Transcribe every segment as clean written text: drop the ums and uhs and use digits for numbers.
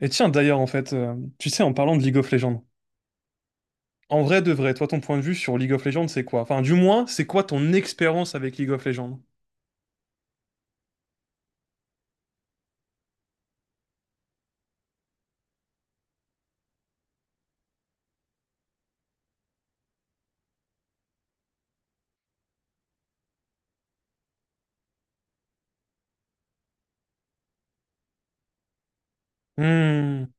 Et tiens, d'ailleurs, tu sais, en parlant de League of Legends, en vrai de vrai, toi, ton point de vue sur League of Legends, c'est quoi? Enfin, du moins, c'est quoi ton expérience avec League of Legends? Hmm,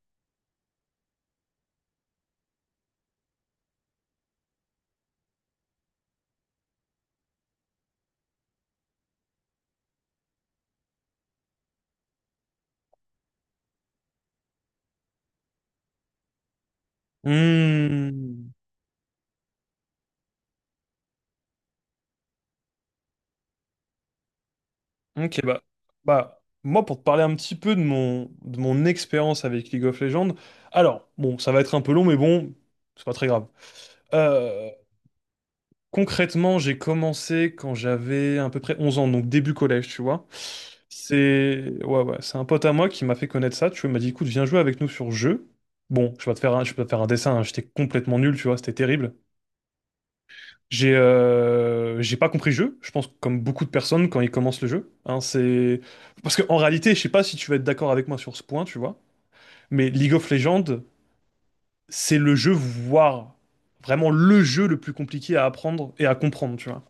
hmm. Ok, bah, moi, pour te parler un petit peu de mon expérience avec League of Legends, alors, bon, ça va être un peu long, mais bon, c'est pas très grave. Euh, Concrètement, j'ai commencé quand j'avais à peu près 11 ans, donc début collège, tu vois. C'est Ouais, ouais, c'est un pote à moi qui m'a fait connaître ça, tu vois, il m'a dit, écoute, viens jouer avec nous sur jeu. Bon, je vais te faire un dessin, hein, j'étais complètement nul, tu vois, c'était terrible. J'ai pas compris le jeu, je pense comme beaucoup de personnes quand ils commencent le jeu, hein. C'est parce que en réalité, je sais pas si tu vas être d'accord avec moi sur ce point, tu vois, mais League of Legends, c'est le jeu, voire vraiment le jeu le plus compliqué à apprendre et à comprendre, tu vois.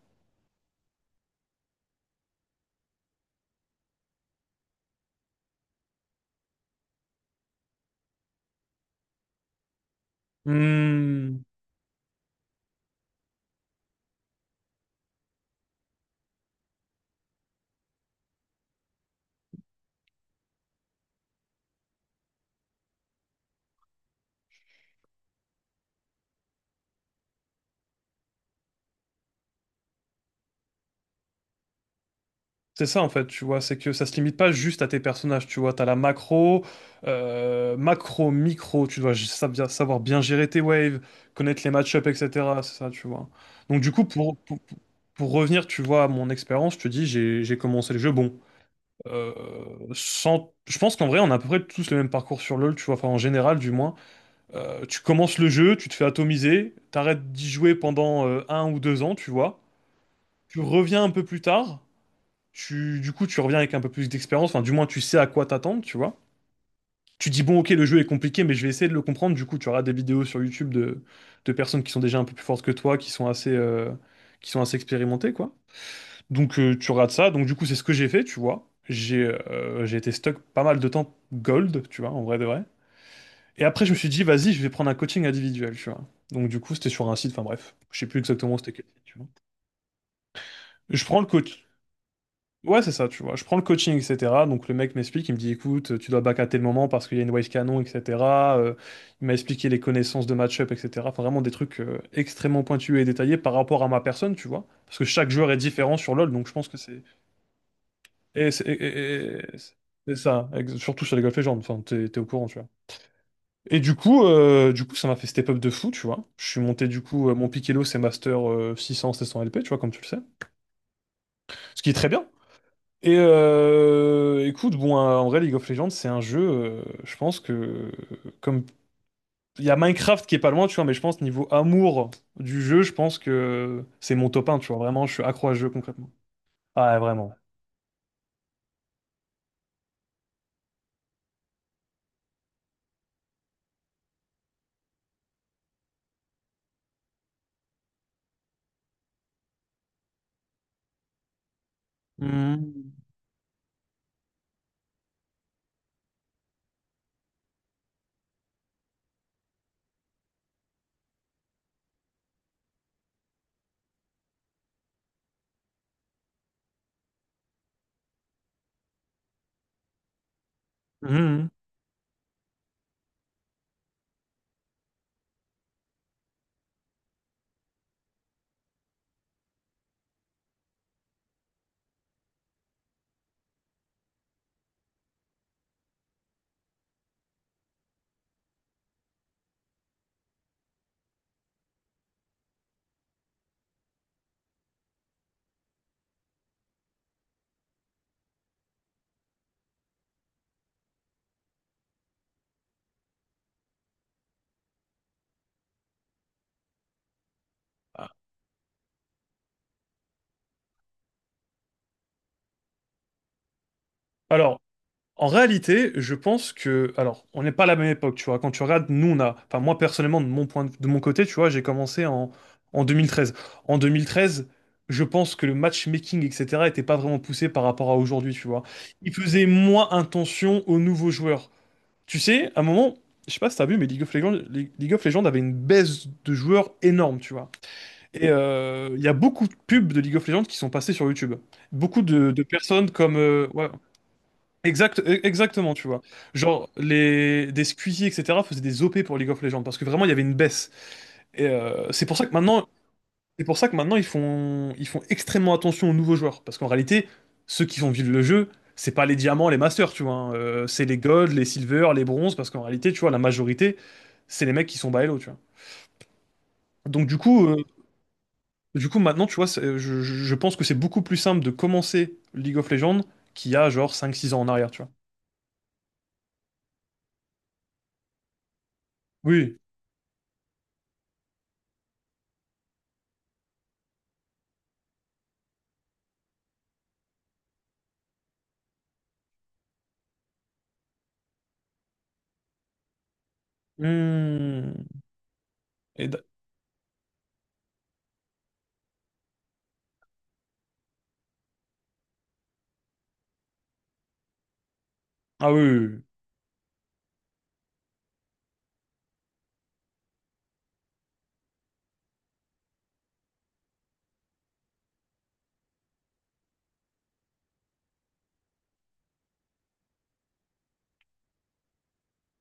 Hmm. C'est ça en fait, tu vois, c'est que ça se limite pas juste à tes personnages, tu vois, t'as la macro, micro, tu dois savoir bien gérer tes waves, connaître les match-ups, etc. C'est ça, tu vois. Donc du coup, pour revenir, tu vois, à mon expérience, je te dis, j'ai commencé le jeu, bon, euh, sans... Je pense qu'en vrai, on a à peu près tous le même parcours sur LoL, tu vois, enfin en général du moins. Tu commences le jeu, tu te fais atomiser, t'arrêtes d'y jouer pendant un ou deux ans, tu vois. Tu reviens un peu plus tard. Tu reviens avec un peu plus d'expérience, enfin, du moins, tu sais à quoi t'attendre, tu vois. Tu dis, bon, ok, le jeu est compliqué, mais je vais essayer de le comprendre. Du coup, tu auras des vidéos sur YouTube de personnes qui sont déjà un peu plus fortes que toi, qui sont assez expérimentées, quoi. Donc, tu rates ça. Donc, du coup, c'est ce que j'ai fait, tu vois. J'ai été stuck pas mal de temps gold, tu vois, en vrai de vrai. Et après, je me suis dit, vas-y, je vais prendre un coaching individuel, tu vois. Donc, du coup, c'était sur un site, enfin, bref, je sais plus exactement c'était quel site, tu vois. Je prends le coach. Ouais, c'est ça, tu vois. Je prends le coaching, etc. Donc le mec m'explique, il me dit, écoute, tu dois back à tel moment parce qu'il y a une wave canon, etc. Euh, il m'a expliqué les connaissances de match-up, etc. Enfin, vraiment des trucs extrêmement pointus et détaillés par rapport à ma personne, tu vois. Parce que chaque joueur est différent sur LoL, donc je pense que c'est... Et c'est et- et- et- c'est ça, surtout sur les golf Legends, enfin, t'es au courant, tu vois. Et du coup, ça m'a fait step up de fou, tu vois. Je suis monté, du coup, mon pick Elo, c'est Master 600, 700 LP, tu vois, comme tu le sais. Ce qui est très bien. Et écoute, bon, en vrai, League of Legends, c'est un jeu, je pense que, comme il y a Minecraft qui est pas loin, tu vois, mais je pense niveau amour du jeu, je pense que c'est mon top un, tu vois, vraiment, je suis accro à ce jeu concrètement. Ah, vraiment. Mhm. Mhm. Alors, en réalité, je pense que, alors, on n'est pas à la même époque, tu vois. Quand tu regardes, nous, on a, enfin, moi, personnellement, de mon côté, tu vois, en 2013. En 2013, je pense que le matchmaking, etc., était pas vraiment poussé par rapport à aujourd'hui, tu vois. Il faisait moins attention aux nouveaux joueurs. Tu sais, à un moment, je sais pas si t'as vu, mais League of Legends avait une baisse de joueurs énorme, tu vois. Et il y a beaucoup de pubs de League of Legends qui sont passées sur YouTube. Beaucoup de personnes comme, ouais, exact, exactement, tu vois. Genre, des Squeezie, etc., faisaient des OP pour League of Legends, parce que vraiment, il y avait une baisse. Et c'est pour ça que maintenant, ils font extrêmement attention aux nouveaux joueurs. Parce qu'en réalité, ceux qui font vivre le jeu, c'est pas les diamants, les masters, tu vois, hein. C'est les golds, les silver, les bronzes, parce qu'en réalité, tu vois, la majorité, c'est les mecs qui sont bas elo, tu vois. Donc, du coup maintenant, tu vois, je pense que c'est beaucoup plus simple de commencer League of Legends qu'il y a, genre, 5 6 ans en arrière, tu vois. Oui. Hmm. Et ah oui, oui,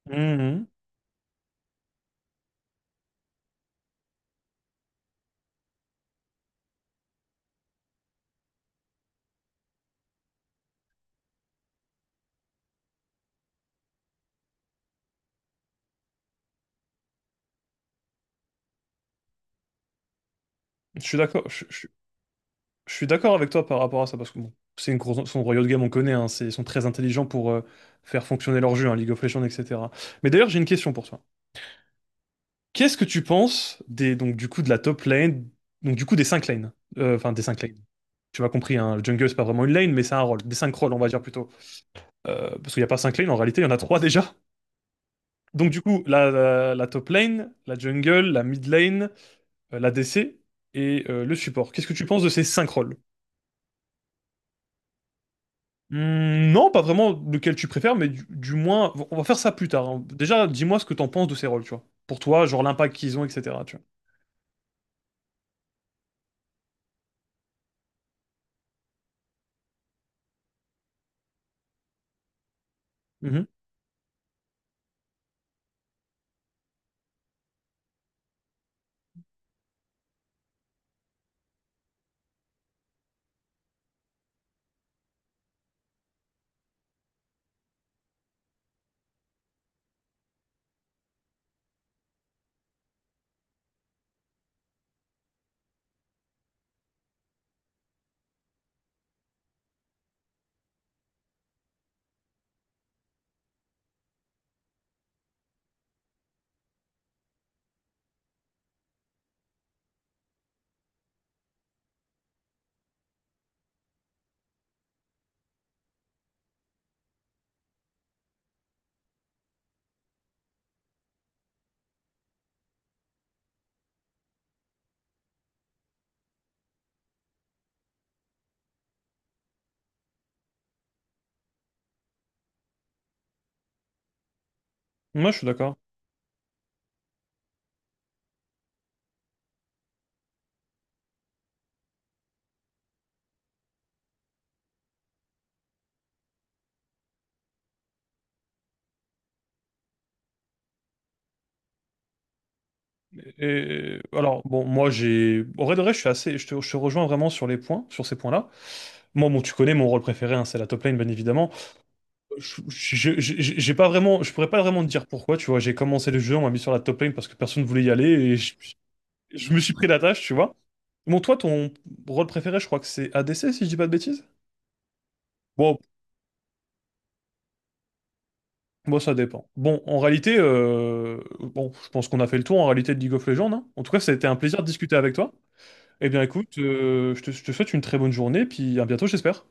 oui. Mhm. Je suis d'accord, je suis d'accord avec toi par rapport à ça, parce que bon, c'est une grosse, son Riot Games, on connaît, hein, c'est, ils sont très intelligents pour faire fonctionner leur jeu, hein, League of Legends, etc. Mais d'ailleurs, j'ai une question pour toi. Qu'est-ce que tu penses des, donc, du coup, de la top lane, donc du coup des 5 lanes, euh, enfin des 5 lanes, tu m'as compris, hein, le jungle, c'est pas vraiment une lane, mais c'est un rôle, des 5 rôles, on va dire plutôt. Parce qu'il n'y a pas 5 lanes, en réalité, il y en a 3 déjà. Donc du coup, la top lane, la jungle, la mid lane, la DC et le support. Qu'est-ce que tu penses de ces 5 rôles? Hmm, non, pas vraiment lequel tu préfères, mais du moins, on va faire ça plus tard, hein. Déjà, dis-moi ce que t'en penses de ces rôles, tu vois. Pour toi, genre l'impact qu'ils ont, etc. Tu vois. Mhm. Moi, je suis d'accord. Et alors, bon, moi, j'ai. Au vrai de vrai, je suis assez. Je te rejoins vraiment sur les points, sur ces points-là. Moi, bon, tu connais mon rôle préféré, hein, c'est la top lane, bien évidemment. J'ai pas vraiment. Je pourrais pas vraiment te dire pourquoi, tu vois. J'ai commencé le jeu, on m'a mis sur la top lane parce que personne voulait y aller, je me suis pris la tâche, tu vois. Bon, toi, ton rôle préféré, je crois que c'est ADC, si je dis pas de bêtises? Bon, bon, ça dépend. Bon, en réalité, bon, je pense qu'on a fait le tour en réalité de League of Legends, hein. En tout cas, ça a été un plaisir de discuter avec toi. Eh bien, écoute, je te souhaite une très bonne journée, puis à bientôt, j'espère.